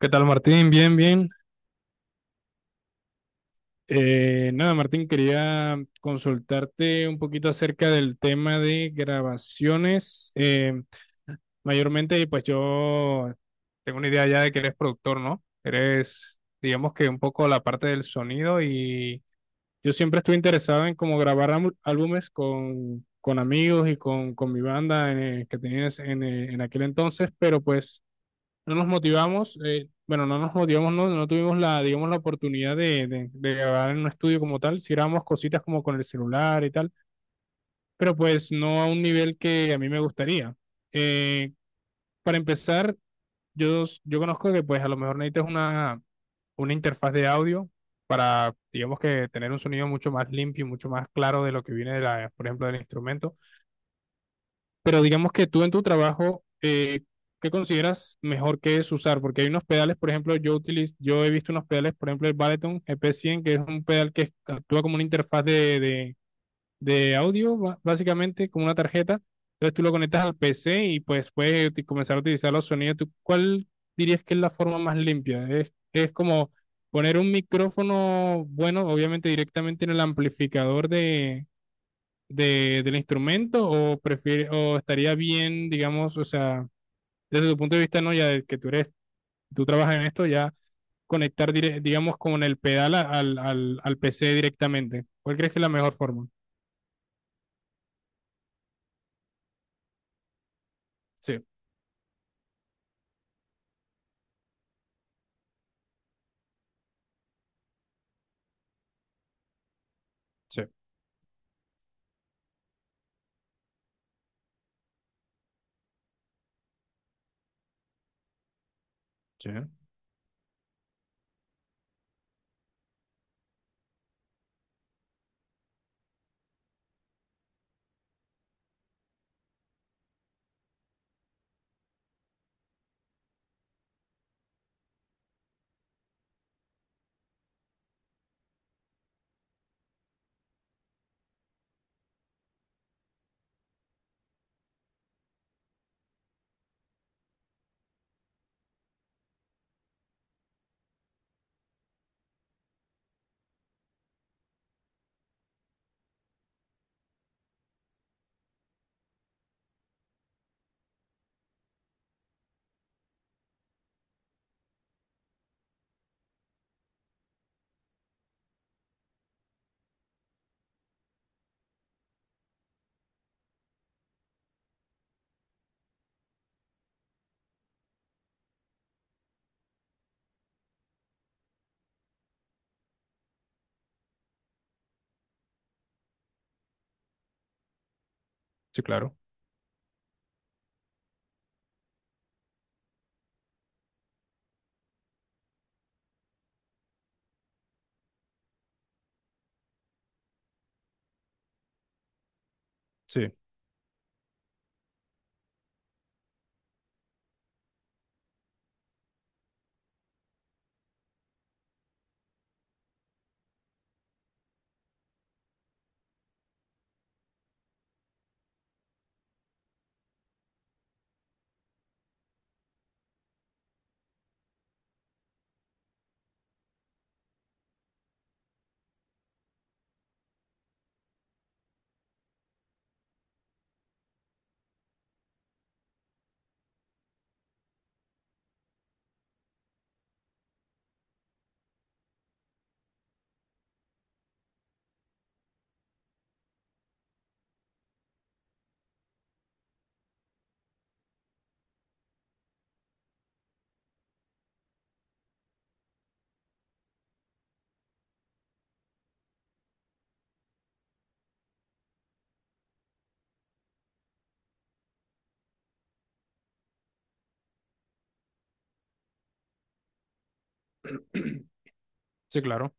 ¿Qué tal, Martín? Bien, bien. Nada, Martín, quería consultarte un poquito acerca del tema de grabaciones. Mayormente, pues yo tengo una idea ya de que eres productor, ¿no? Eres, digamos que un poco la parte del sonido. Y yo siempre estuve interesado en cómo grabar álbumes con amigos y con mi banda que tenías en aquel entonces, pero pues no nos motivamos, bueno, no nos motivamos, no, no tuvimos la, digamos, la oportunidad de grabar en un estudio como tal. Si grabamos cositas como con el celular y tal, pero pues no a un nivel que a mí me gustaría. Eh, para empezar, yo conozco que pues a lo mejor necesitas una interfaz de audio para, digamos, que tener un sonido mucho más limpio y mucho más claro de lo que viene de la, por ejemplo, del instrumento. Pero digamos que tú en tu trabajo, ¿qué consideras mejor que es usar? Porque hay unos pedales, por ejemplo, yo utilizo, yo he visto unos pedales, por ejemplo, el Balaton ep cien, que es un pedal que actúa como una interfaz de audio, básicamente, como una tarjeta. Entonces tú lo conectas al PC y pues puedes comenzar a utilizar los sonidos. ¿Tú cuál dirías que es la forma más limpia? Es como poner un micrófono, bueno, obviamente directamente en el amplificador de, del instrumento, o prefiere, o estaría bien, digamos, o sea, desde tu punto de vista, ¿no? Ya de que tú eres, tú trabajas en esto, ya conectar, digamos, con el pedal al PC directamente. ¿Cuál crees que es la mejor forma? Sí, sí, sí, sí, claro. Sí, sí, claro.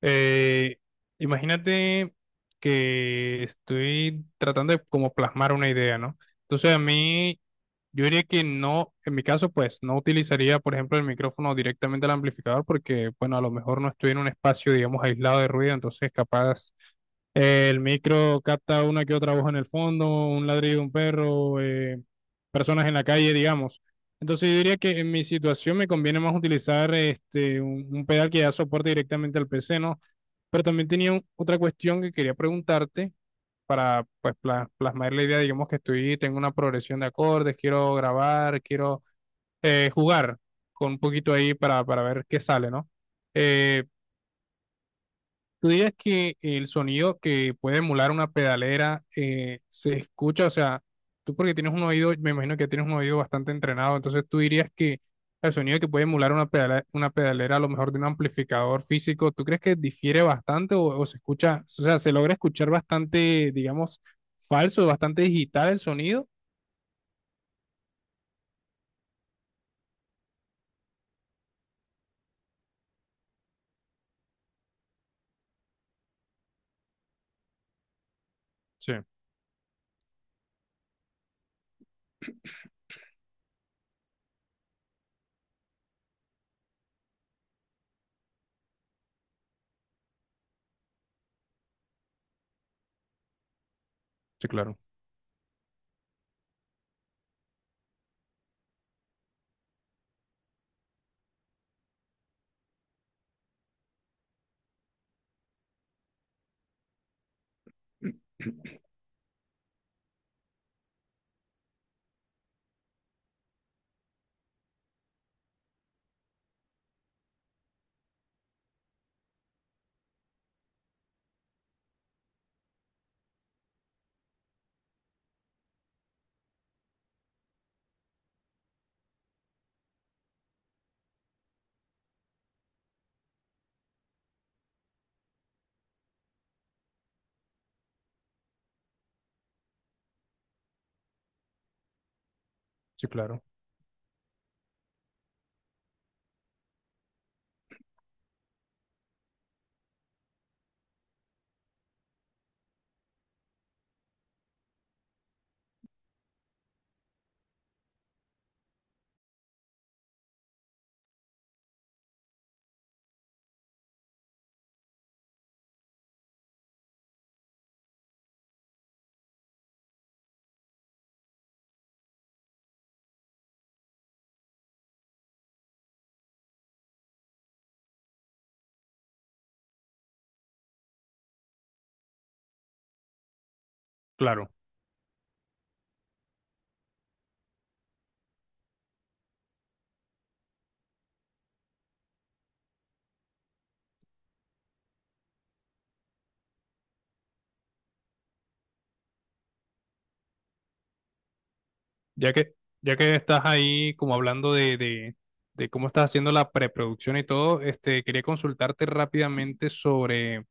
Eh, Imagínate que estoy tratando de como plasmar una idea, ¿no? Entonces a mí, yo diría que no, en mi caso, pues no utilizaría, por ejemplo, el micrófono directamente al amplificador porque, bueno, a lo mejor no estoy en un espacio, digamos, aislado de ruido, entonces capaz el micro capta una que otra voz en el fondo, un ladrido de un perro, personas en la calle, digamos. Entonces yo diría que en mi situación me conviene más utilizar este, un pedal que ya soporte directamente al PC, ¿no? Pero también tenía otra cuestión que quería preguntarte para pues, plasmar la idea. Digamos que estoy, tengo una progresión de acordes, quiero grabar, quiero jugar con un poquito ahí para ver qué sale, ¿no? Eh, ¿Tú dirías que el sonido que puede emular una pedalera se escucha? O sea, tú porque tienes un oído, me imagino que tienes un oído bastante entrenado, entonces tú dirías que el sonido que puede emular una pedalera a lo mejor de un amplificador físico, ¿tú crees que difiere bastante o se escucha, o sea, se logra escuchar bastante, digamos, falso, bastante digital el sonido? Sí, sí, claro, sí, claro, claro. Ya que, ya que estás ahí como hablando de cómo estás haciendo la preproducción y todo, este, quería consultarte rápidamente sobre,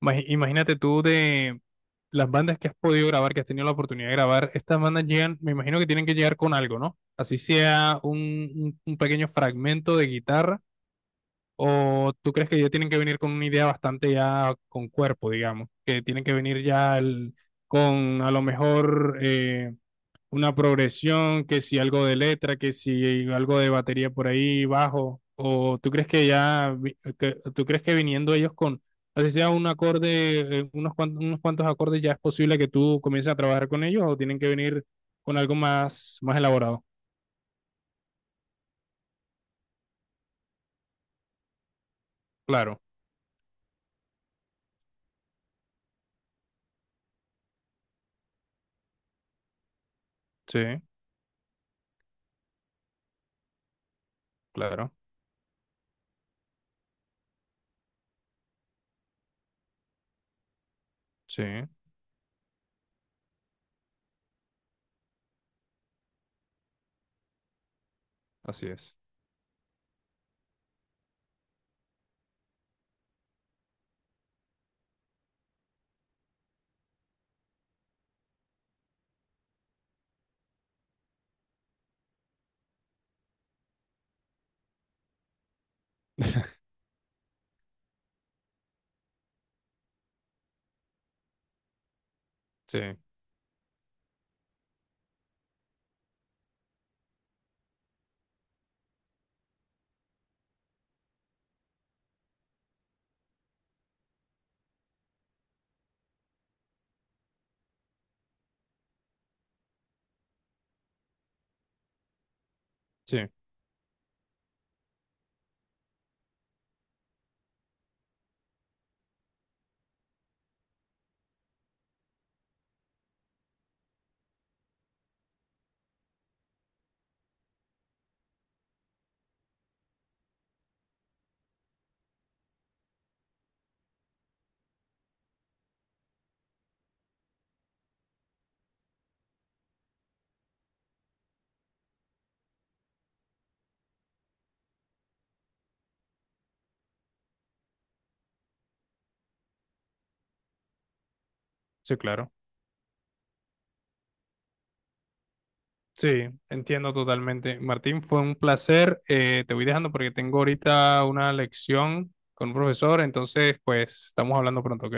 imagínate tú de las bandas que has podido grabar, que has tenido la oportunidad de grabar, estas bandas llegan, me imagino que tienen que llegar con algo, ¿no? Así sea un un pequeño fragmento de guitarra, o tú crees que ya tienen que venir con una idea bastante ya con cuerpo, digamos, que tienen que venir ya con a lo mejor... una progresión, que si algo de letra, que si algo de batería por ahí bajo, o tú crees que ya, tú crees que viniendo ellos con, así sea un acorde, unos cuantos acordes, ya es posible que tú comiences a trabajar con ellos, o tienen que venir con algo más, más elaborado. Claro, sí, claro, sí, así es. Sí, sí, sí, claro. Sí, entiendo totalmente. Martín, fue un placer. Te voy dejando porque tengo ahorita una lección con un profesor, entonces pues estamos hablando pronto, ¿ok?